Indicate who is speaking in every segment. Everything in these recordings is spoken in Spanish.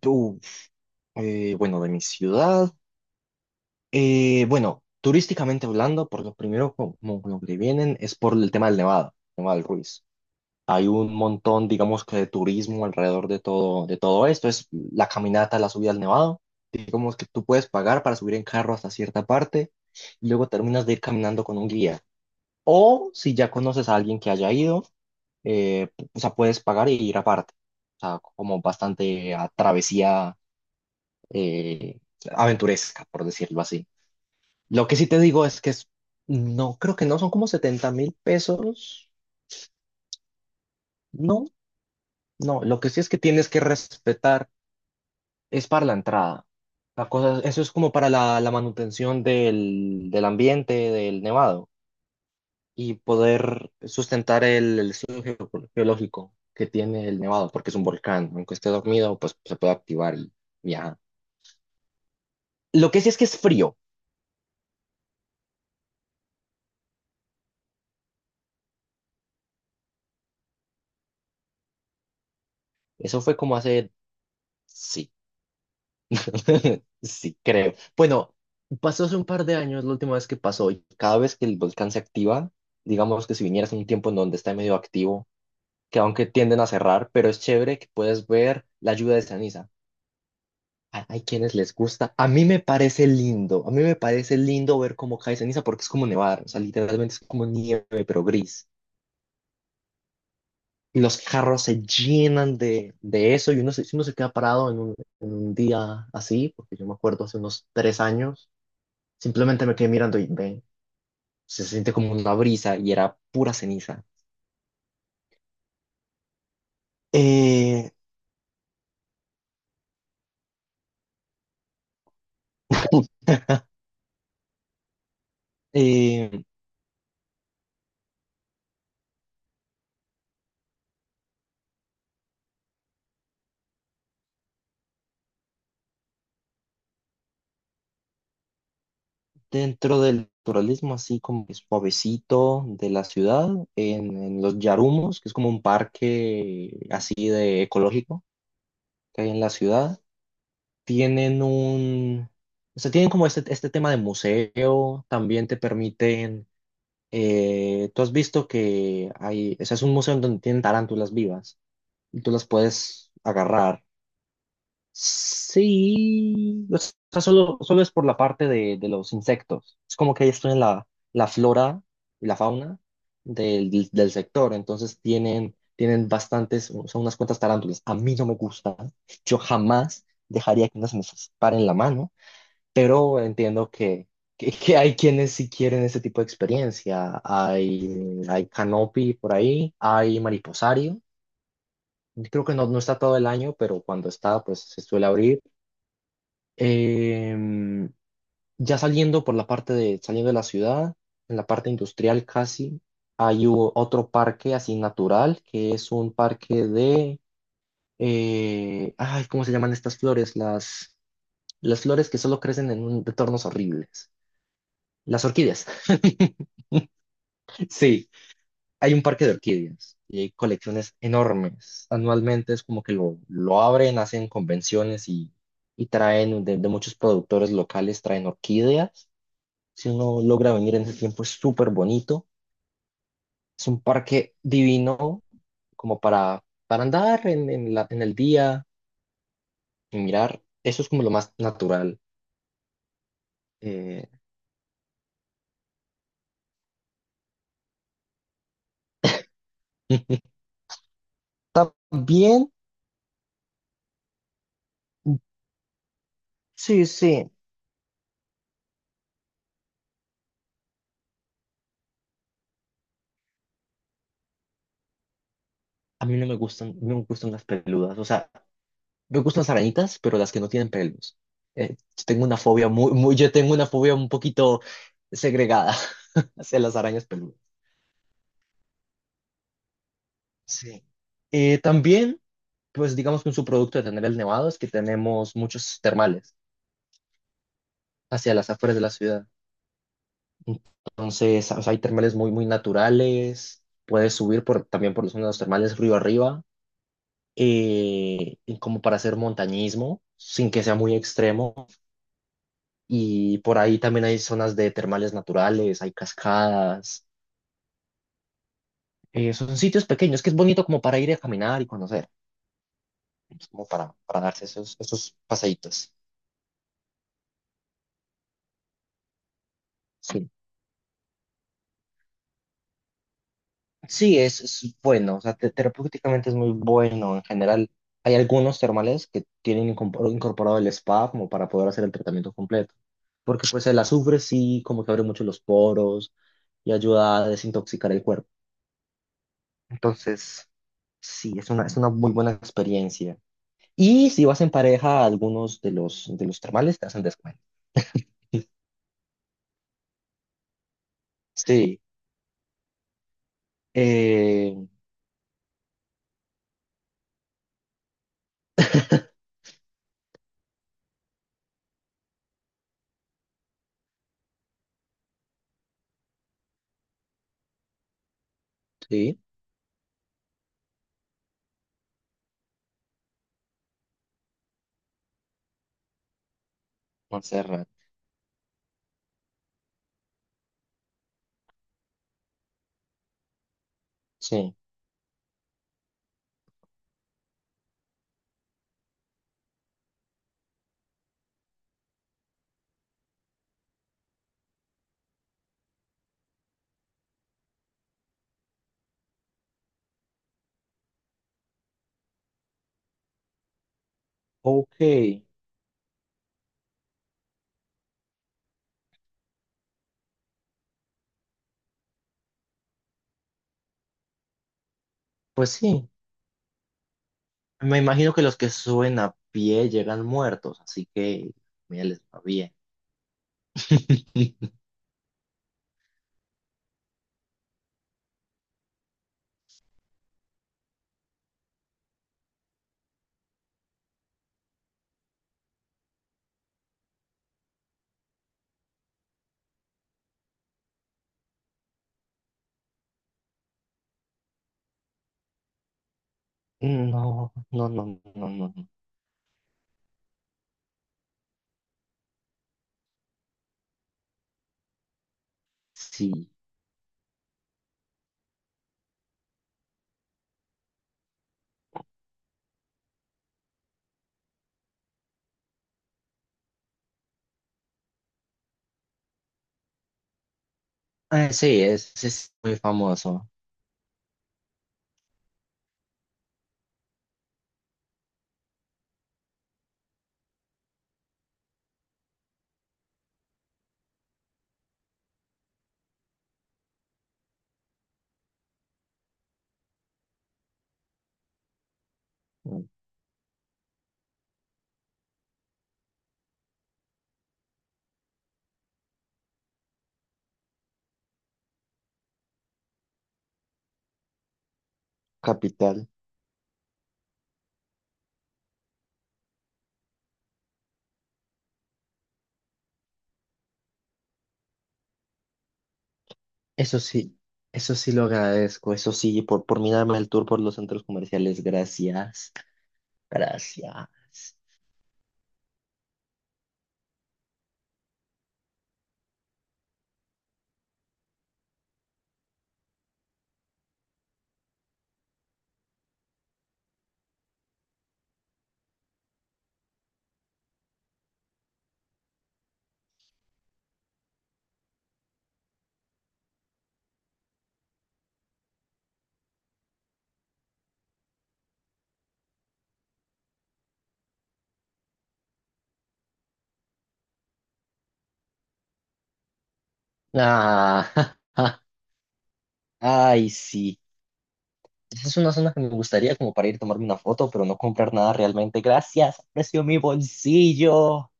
Speaker 1: Tú, bueno, de mi ciudad, bueno, turísticamente hablando, por lo primero como lo que vienen es por el tema del Nevado, Nevado del Ruiz. Hay un montón, digamos que de turismo alrededor de todo esto. Es la caminata, la subida al Nevado. Digamos que tú puedes pagar para subir en carro hasta cierta parte y luego terminas de ir caminando con un guía. O si ya conoces a alguien que haya ido, o sea, puedes pagar y ir aparte. O sea, como bastante a travesía eh, aventuresca, por decirlo así. Lo que sí te digo es que es, no, creo que no son como 70.000 pesos. No, no, lo que sí es que tienes que respetar es para la entrada. La cosa, eso es como para la manutención del ambiente, del nevado y poder sustentar el estudio geológico que tiene el nevado, porque es un volcán. Aunque esté dormido, pues se puede activar y viajar. Lo que sí es que es frío. Eso fue como hace, sí, Sí, creo. Bueno, pasó hace un par de años la última vez que pasó y cada vez que el volcán se activa, digamos que si vinieras en un tiempo en donde está medio activo, que aunque tienden a cerrar, pero es chévere que puedes ver la lluvia de ceniza. Hay quienes les gusta. A mí me parece lindo, a mí me parece lindo ver cómo cae ceniza porque es como nevar, o sea, literalmente es como nieve, pero gris. Y los carros se llenan de eso y si uno se queda parado en un día así, porque yo me acuerdo hace unos 3 años. Simplemente me quedé mirando y ven, se siente como una brisa y era pura ceniza. Eh, eh, dentro del naturalismo, así como es suavecito de la ciudad, en los Yarumos, que es como un parque así de ecológico que hay en la ciudad, tienen un, o sea, tienen como este tema de museo, también te permiten, tú has visto que hay, o sea, es un museo en donde tienen tarántulas vivas y tú las puedes agarrar. Sí, o sea, solo es por la parte de los insectos. Es como que ellos tienen la flora y la fauna del sector, entonces tienen bastantes, son unas cuantas tarántulas. A mí no me gustan, yo jamás dejaría que unas me paren la mano, pero entiendo que hay quienes sí quieren ese tipo de experiencia. Hay canopy por ahí, hay mariposario. Creo que no, no está todo el año, pero cuando está, pues se suele abrir. Em, ya saliendo por saliendo de la ciudad, en la parte industrial casi, hay otro parque así natural, que es un parque de, ay, ¿cómo se llaman estas flores? Las flores que solo crecen en entornos horribles. Las orquídeas. Sí, hay un parque de orquídeas y hay colecciones enormes. Anualmente es como que lo abren, hacen convenciones y traen de muchos productores locales, traen orquídeas. Si uno logra venir en ese tiempo, es súper bonito. Es un parque divino como para andar en en el día y mirar. Eso es como lo más natural. Eh, también, sí, sí. A mí no me gustan, no me gustan las peludas. O sea, me gustan las arañitas, pero las que no tienen pelos. Yo tengo una fobia un poquito segregada hacia las arañas peludas. Sí. También. Pues digamos que un subproducto de tener el nevado es que tenemos muchos termales hacia las afueras de la ciudad. Entonces, o sea, hay termales muy naturales. Puedes subir por, también por los termales río arriba, y como para hacer montañismo, sin que sea muy extremo. Y por ahí también hay zonas de termales naturales, hay cascadas. Son sitios pequeños que es bonito como para ir a caminar y conocer, es como para darse esos paseitos. Sí. Sí, es bueno, o sea, terapéuticamente es muy bueno. En general, hay algunos termales que tienen incorporado el spa como para poder hacer el tratamiento completo. Porque pues el azufre sí como que abre mucho los poros y ayuda a desintoxicar el cuerpo. Entonces, sí, es una muy buena experiencia. Y si vas en pareja, algunos de de los termales te hacen descuento. Sí, eh, sí, Montserrat, sí. Ok, pues sí. Me imagino que los que suben a pie llegan muertos, así que mira, les va bien. No, no, no, no, no. No. Sí. Ah, sí, es muy famoso. Mm, capital. Eso sí, eso sí lo agradezco. Eso sí, por mí darme el tour por los centros comerciales. Gracias. Gracias. Ah, ay, sí. Esa es una zona que me gustaría como para ir a tomarme una foto, pero no comprar nada realmente. Gracias. Aprecio mi bolsillo.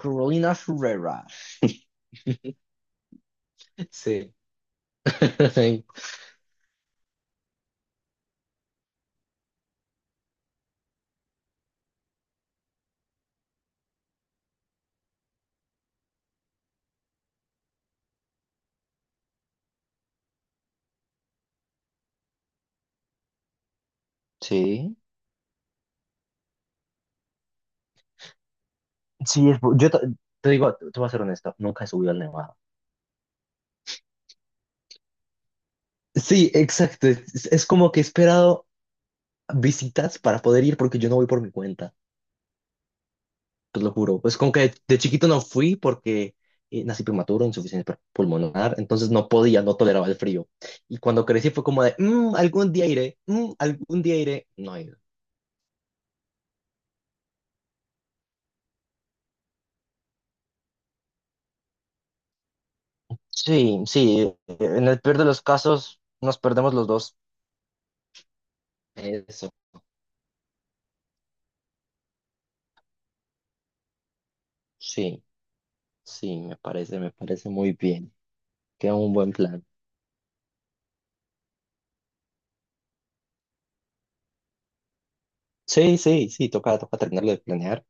Speaker 1: Carolina Ferrera. Sí. Sí. Sí, es te digo, te voy a ser honesto, nunca he subido al Nevado. Sí, exacto. Es como que he esperado visitas para poder ir porque yo no voy por mi cuenta, te lo juro. Es como que de chiquito no fui porque nací prematuro, insuficiencia pulmonar, entonces no podía, no toleraba el frío. Y cuando crecí fue como de, "Mm, algún día iré, mm, algún día iré. No he ido." Sí, sí, en el peor de los casos nos perdemos los dos. Eso. Sí. Sí, me parece muy bien. Queda un buen plan. Sí, sí, sí, toca, toca terminarlo de planear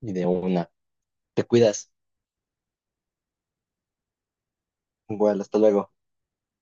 Speaker 1: y de una. Te cuidas. Bueno, hasta luego.